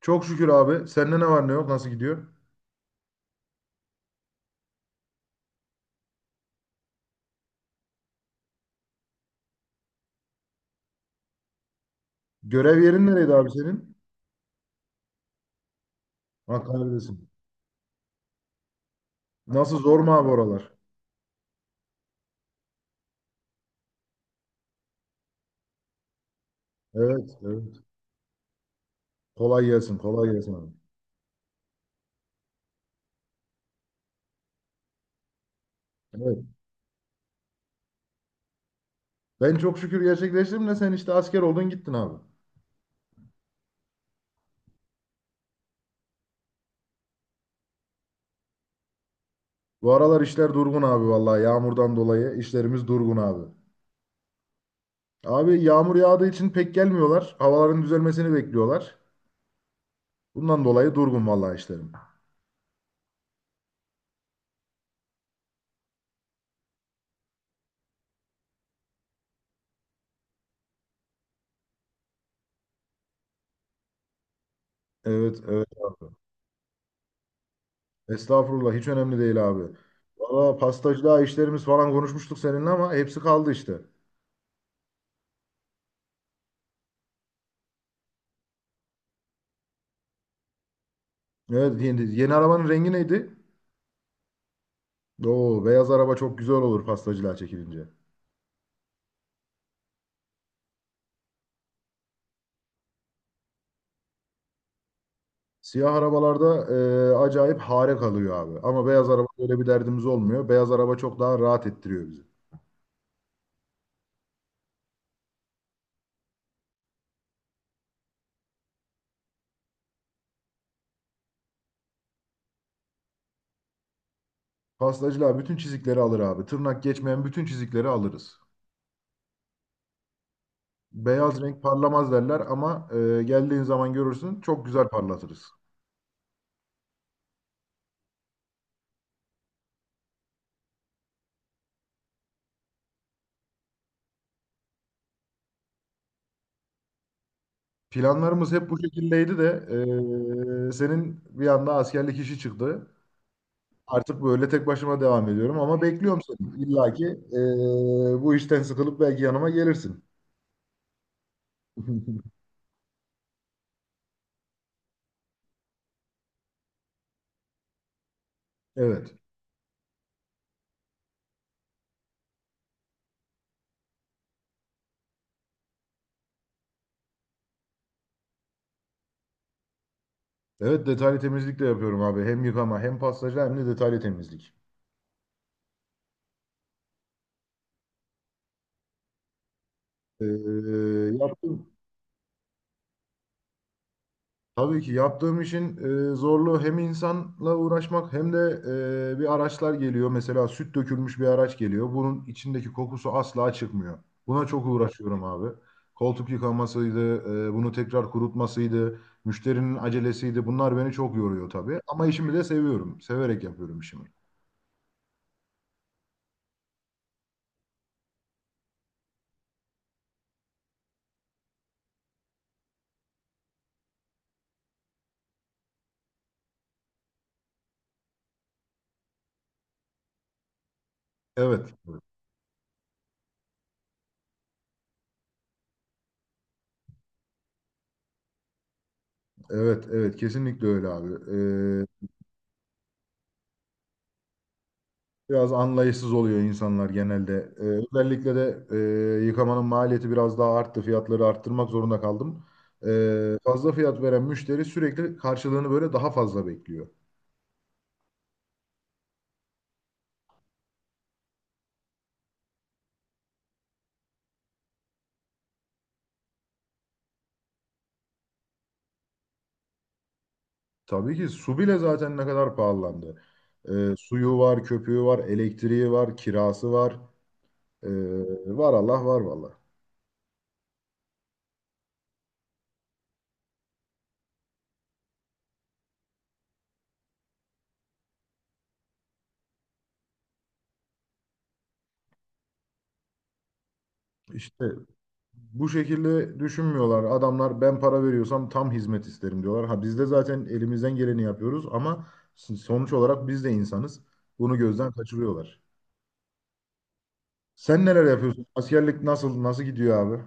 Çok şükür abi. Sende ne var ne yok? Nasıl gidiyor? Görev yerin nereydi abi senin? Hakkari'desin. Nasıl zor mu abi oralar? Evet, evet. Kolay gelsin, kolay gelsin abi. Evet. Ben çok şükür gerçekleştirdim de sen işte asker oldun gittin abi. Bu aralar işler durgun abi vallahi yağmurdan dolayı işlerimiz durgun abi. Abi yağmur yağdığı için pek gelmiyorlar. Havaların düzelmesini bekliyorlar. Bundan dolayı durgun vallahi işlerim. Evet, evet abi. Estağfurullah hiç önemli değil abi. Valla pastacılığa işlerimiz falan konuşmuştuk seninle ama hepsi kaldı işte. Evet, yeni arabanın rengi neydi? Oo beyaz araba çok güzel olur pastacılığa çekilince. Siyah arabalarda acayip hare kalıyor abi. Ama beyaz araba öyle bir derdimiz olmuyor. Beyaz araba çok daha rahat ettiriyor bizi. Pastacılığa bütün çizikleri alır abi. Tırnak geçmeyen bütün çizikleri alırız. Beyaz renk parlamaz derler ama geldiğin zaman görürsün çok güzel parlatırız. Planlarımız hep bu şekildeydi de senin bir anda askerlik işi çıktı. Artık böyle tek başıma devam ediyorum ama bekliyorum seni. İlla ki eee, bu işten sıkılıp belki yanıma gelirsin. Evet. Evet, detaylı temizlik de yapıyorum abi. Hem yıkama hem pastacı hem de detaylı temizlik. Eee, yaptım. Tabii ki yaptığım işin zorluğu hem insanla uğraşmak hem de bir araçlar geliyor. Mesela süt dökülmüş bir araç geliyor. Bunun içindeki kokusu asla çıkmıyor. Buna çok uğraşıyorum abi. Koltuk yıkamasıydı, bunu tekrar kurutmasıydı, müşterinin acelesiydi. Bunlar beni çok yoruyor tabii. Ama işimi de seviyorum. Severek yapıyorum işimi. Evet, evet, evet, kesinlikle öyle abi. E, Biraz anlayışsız oluyor insanlar genelde. Ee, özellikle de yıkamanın maliyeti biraz daha arttı. Fiyatları arttırmak zorunda kaldım. Fazla fiyat veren müşteri sürekli karşılığını böyle daha fazla bekliyor. Tabii ki su bile zaten ne kadar pahalandı. Suyu var, köpüğü var, elektriği var, kirası var. Ee, var Allah var vallahi. İşte bu şekilde düşünmüyorlar. Adamlar ben para veriyorsam tam hizmet isterim diyorlar. Ha biz de zaten elimizden geleni yapıyoruz ama sonuç olarak biz de insanız. Bunu gözden kaçırıyorlar. Sen neler yapıyorsun? Askerlik nasıl gidiyor abi?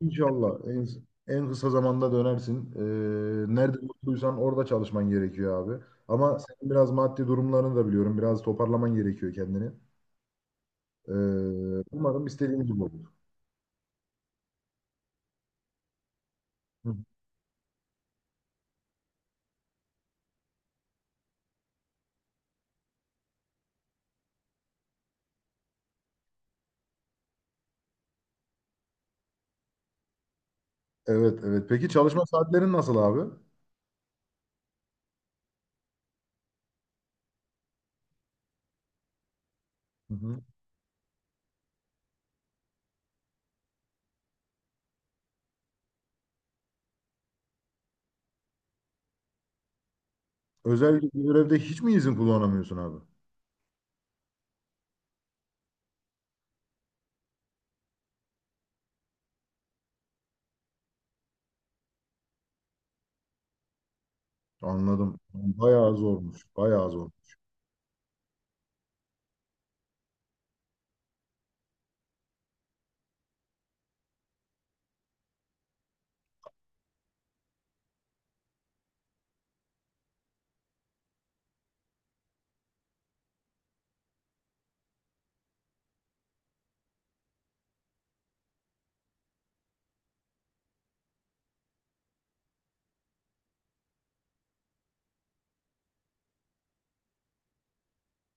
İnşallah en kısa zamanda dönersin. Nerede mutluysan orada çalışman gerekiyor abi. Ama senin biraz maddi durumlarını da biliyorum. Biraz toparlaman gerekiyor kendini. Umarım istediğin gibi olur. Hı. Evet, evet. Peki çalışma saatlerin nasıl abi? Hı hı. Özel bir görevde hiç mi izin kullanamıyorsun abi? Anladım. Bayağı zormuş. Bayağı zor.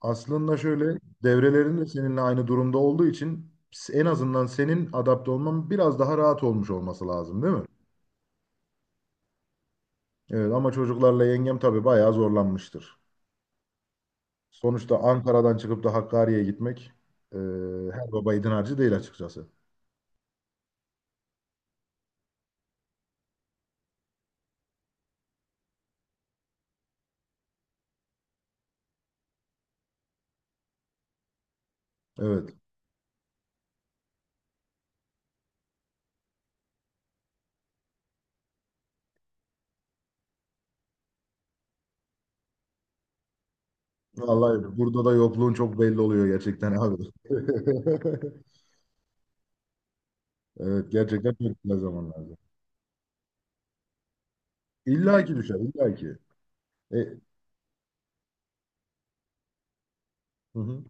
Aslında şöyle devrelerin de seninle aynı durumda olduğu için en azından senin adapte olman biraz daha rahat olmuş olması lazım değil mi? Evet, ama çocuklarla yengem tabii bayağı zorlanmıştır. Sonuçta Ankara'dan çıkıp da Hakkari'ye gitmek e, her baba yiğidin harcı değil açıkçası. Evet. Vallahi burada da yokluğun çok belli oluyor gerçekten abi. Evet, gerçekten çok güzel zamanlardı. İlla ki düşer, illa ki. E, hı hı.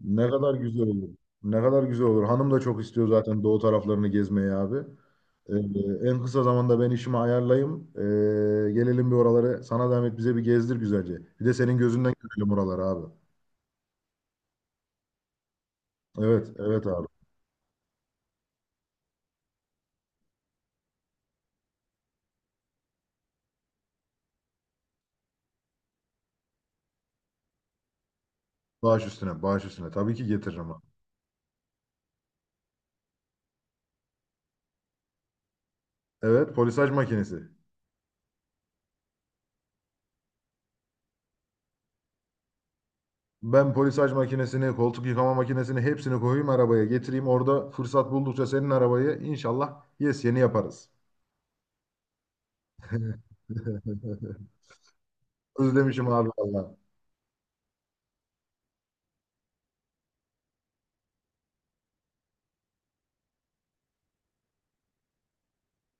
Ne kadar güzel olur. Ne kadar güzel olur. Hanım da çok istiyor zaten doğu taraflarını gezmeyi abi. E, en kısa zamanda ben işimi ayarlayayım. Gelelim bir oraları. Sana zahmet bize bir gezdir güzelce. Bir de senin gözünden görelim oraları abi. Evet, evet abi. Bağış üstüne, bağış üstüne. Tabii ki getiririm abi. Evet, polisaj makinesi. Ben polisaj makinesini, koltuk yıkama makinesini hepsini koyayım arabaya getireyim. Orada fırsat buldukça senin arabayı inşallah yes yeni yaparız. Özlemişim abi vallahi.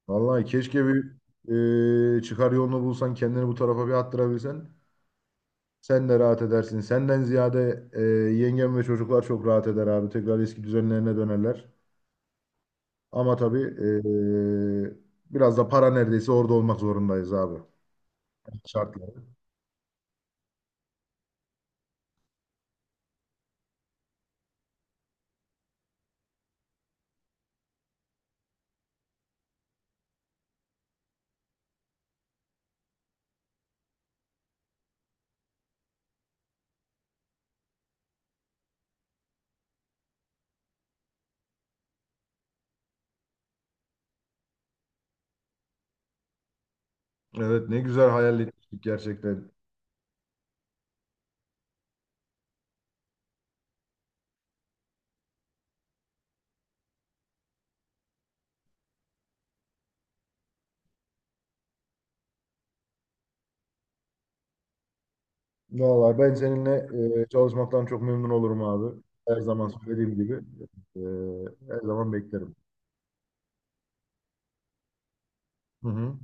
Vallahi keşke bir çıkar yolunu bulsan kendini bu tarafa bir attırabilsen. Sen de rahat edersin. Senden ziyade yengem ve çocuklar çok rahat eder abi. Tekrar eski düzenlerine dönerler. Ama tabii biraz da para neredeyse orada olmak zorundayız abi. Şartlar. Evet, ne güzel hayal etmiştik gerçekten. Vallahi ben seninle çalışmaktan çok memnun olurum abi. Her zaman söylediğim gibi. e, her zaman beklerim. Hı hı.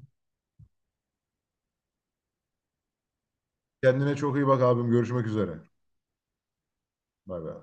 Kendine çok iyi bak abim. Görüşmek üzere. Bay bay.